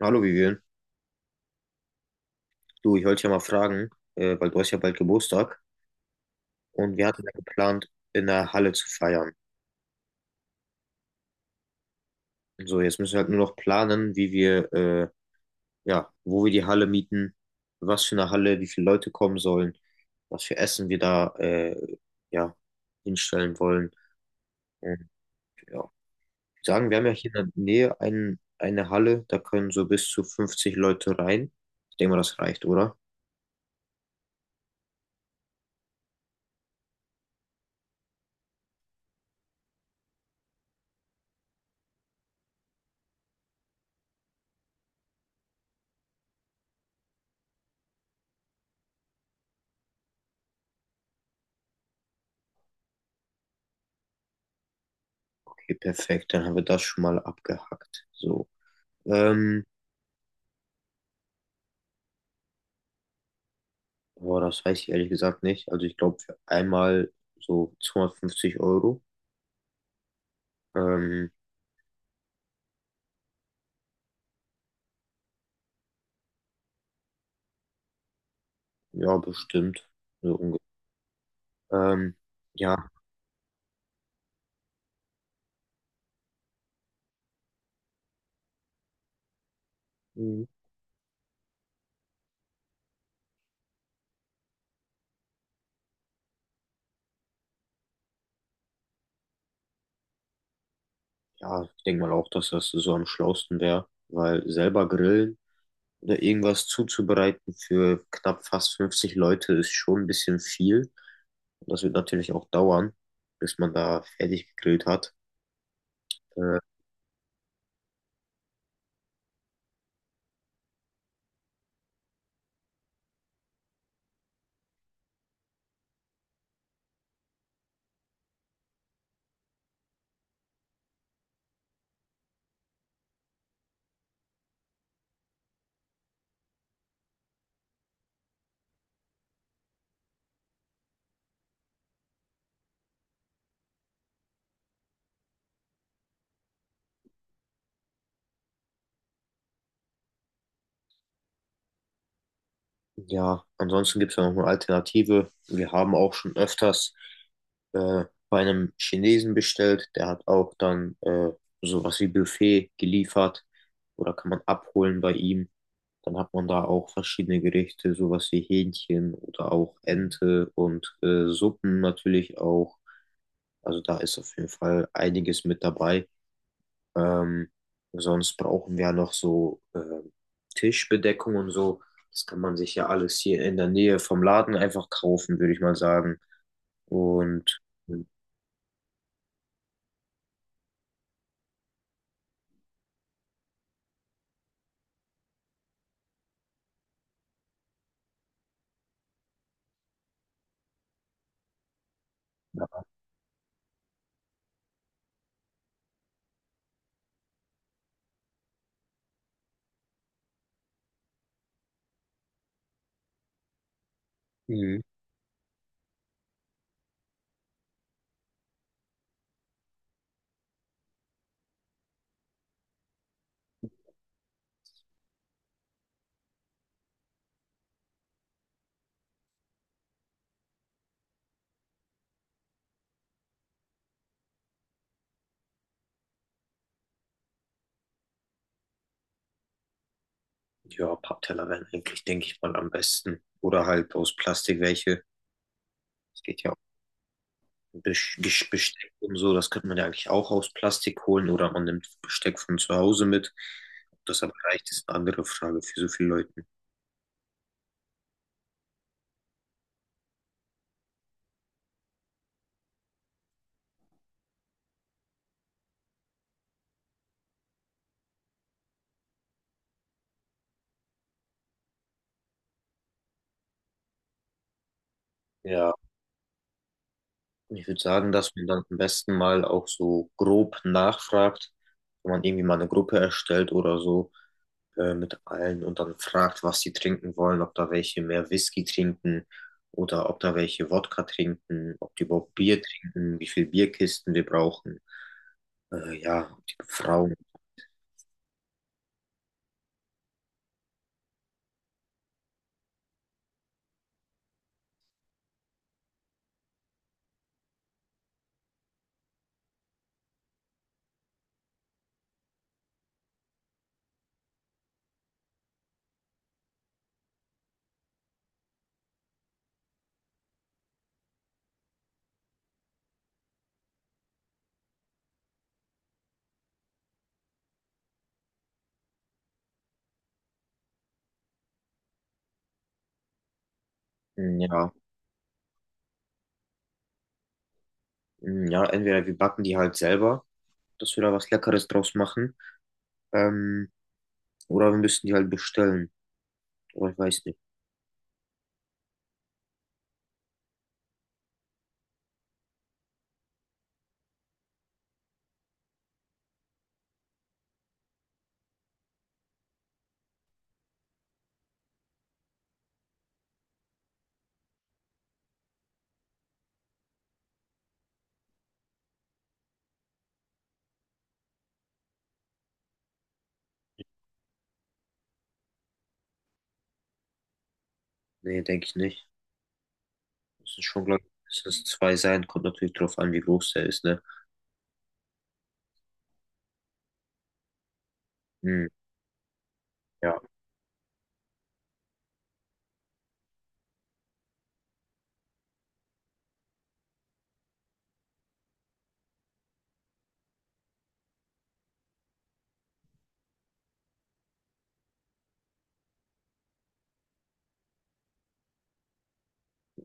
Hallo Vivian, du, ich wollte dich ja mal fragen, weil du hast ja bald Geburtstag und wir hatten ja geplant, in der Halle zu feiern. So, jetzt müssen wir halt nur noch planen, wie wir, ja, wo wir die Halle mieten, was für eine Halle, wie viele Leute kommen sollen, was für Essen wir da, ja, hinstellen wollen. Und ja, ich sagen, wir haben ja hier in der Nähe eine Halle, da können so bis zu 50 Leute rein. Ich denke mal, das reicht, oder? Okay, perfekt, dann haben wir das schon mal abgehackt. So. Ähm, Boah, das weiß ich ehrlich gesagt nicht. Also ich glaube für einmal so 250 Euro. Ähm, ja, bestimmt. So unge- ähm, ja, Mhm. Ja, ich denke mal auch, dass das so am schlausten wäre, weil selber grillen oder irgendwas zuzubereiten für knapp fast 50 Leute ist schon ein bisschen viel. Und das wird natürlich auch dauern, bis man da fertig gegrillt hat. Äh, ja, ansonsten gibt es ja noch eine Alternative. Wir haben auch schon öfters bei einem Chinesen bestellt. Der hat auch dann sowas wie Buffet geliefert oder kann man abholen bei ihm. Dann hat man da auch verschiedene Gerichte, sowas wie Hähnchen oder auch Ente und Suppen natürlich auch. Also da ist auf jeden Fall einiges mit dabei. Ähm, sonst brauchen wir ja noch so Tischbedeckung und so. Das kann man sich ja alles hier in der Nähe vom Laden einfach kaufen, würde ich mal sagen. Und hm, ja, Pappteller wären eigentlich, denke ich mal, am besten. Oder halt aus Plastik welche. Es geht ja auch um Besteck und so. Das könnte man ja eigentlich auch aus Plastik holen. Oder man nimmt Besteck von zu Hause mit. Ob das aber reicht, ist eine andere Frage für so viele Leute. Ja, ich würde sagen, dass man dann am besten mal auch so grob nachfragt, wenn man irgendwie mal eine Gruppe erstellt oder so, mit allen und dann fragt, was sie trinken wollen, ob da welche mehr Whisky trinken oder ob da welche Wodka trinken, ob die überhaupt Bier trinken, wie viel Bierkisten wir brauchen. Ja, ob die Frauen, hm, ja, hm, ja, entweder wir backen die halt selber, dass wir da was Leckeres draus machen, ähm, oder wir müssen die halt bestellen. Oder ich weiß nicht. Nee, denke ich nicht. Müssen schon, glaube ich, mindestens zwei sein. Kommt natürlich drauf an, wie groß der ist, ne? Hm, ja.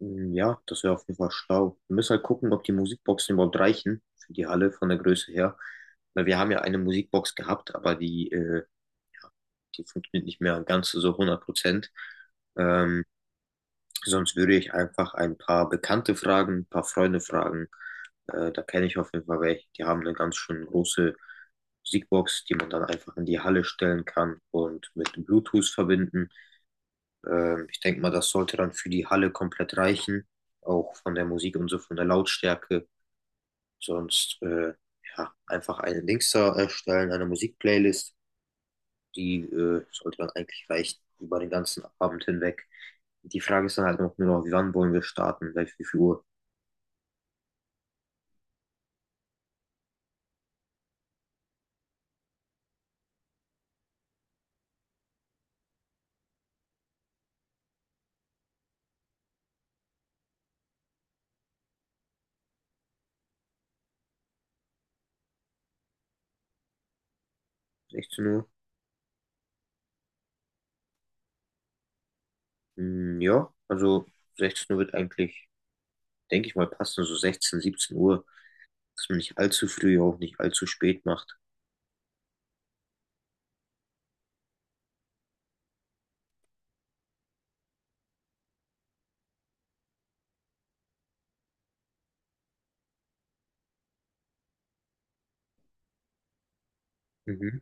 Mm, ja, das wäre auf jeden Fall schlau. Wir müssen halt gucken, ob die Musikboxen überhaupt reichen für die Halle von der Größe her. Weil wir haben ja eine Musikbox gehabt, aber die, ja, die funktioniert nicht mehr ganz so 100%. Ähm, sonst würde ich einfach ein paar Bekannte fragen, ein paar Freunde fragen. Da kenne ich auf jeden Fall welche. Die haben eine ganz schön große Musikbox, die man dann einfach in die Halle stellen kann und mit Bluetooth verbinden. Ich denke mal, das sollte dann für die Halle komplett reichen, auch von der Musik und so, von der Lautstärke. Sonst äh, ja, Einfach eine Dings da erstellen, eine Musikplaylist, die sollte dann eigentlich reichen über den ganzen Abend hinweg. Die Frage ist dann halt noch nur noch, wie wann wollen wir starten? Gleich wie viel Uhr? 16 Uhr? Hm, ja, also 16 Uhr wird eigentlich, denke ich mal, passen, so 16, 17 Uhr, dass man nicht allzu früh, auch nicht allzu spät macht. Mhm.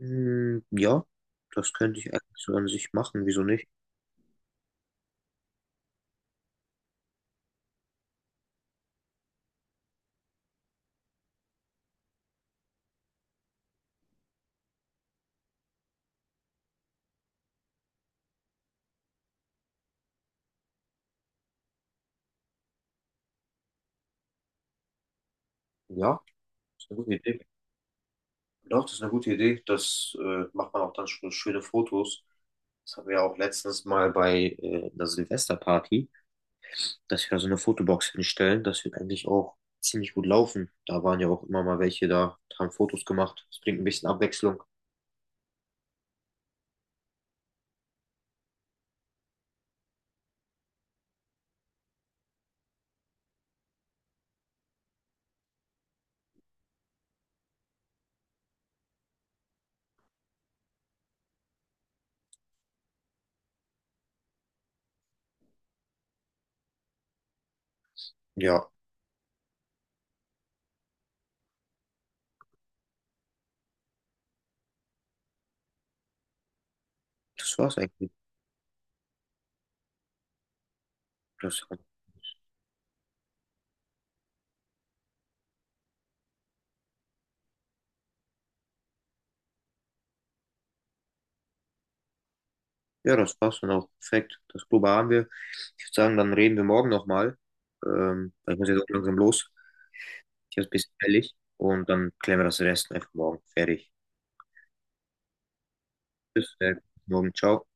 Hm, ja, das könnte ich eigentlich so an sich machen. Wieso nicht? Ja, das ist eine gute Idee. Doch, das ist eine gute Idee. Das macht man auch dann schon schöne Fotos. Das haben wir ja auch letztens mal bei einer Silvesterparty, dass wir da so eine Fotobox hinstellen. Das wird eigentlich auch ziemlich gut laufen. Da waren ja auch immer mal welche da, haben Fotos gemacht. Das bringt ein bisschen Abwechslung. Ja, das war's eigentlich. Das, ja, das war's dann auch. Perfekt. Das Probe haben wir. Ich würde sagen, dann reden wir morgen nochmal. Weil ich muss jetzt auch langsam los. Ich habe es ein bisschen eilig und dann klären wir das Rest einfach morgen. Fertig. Bis morgen. Ciao.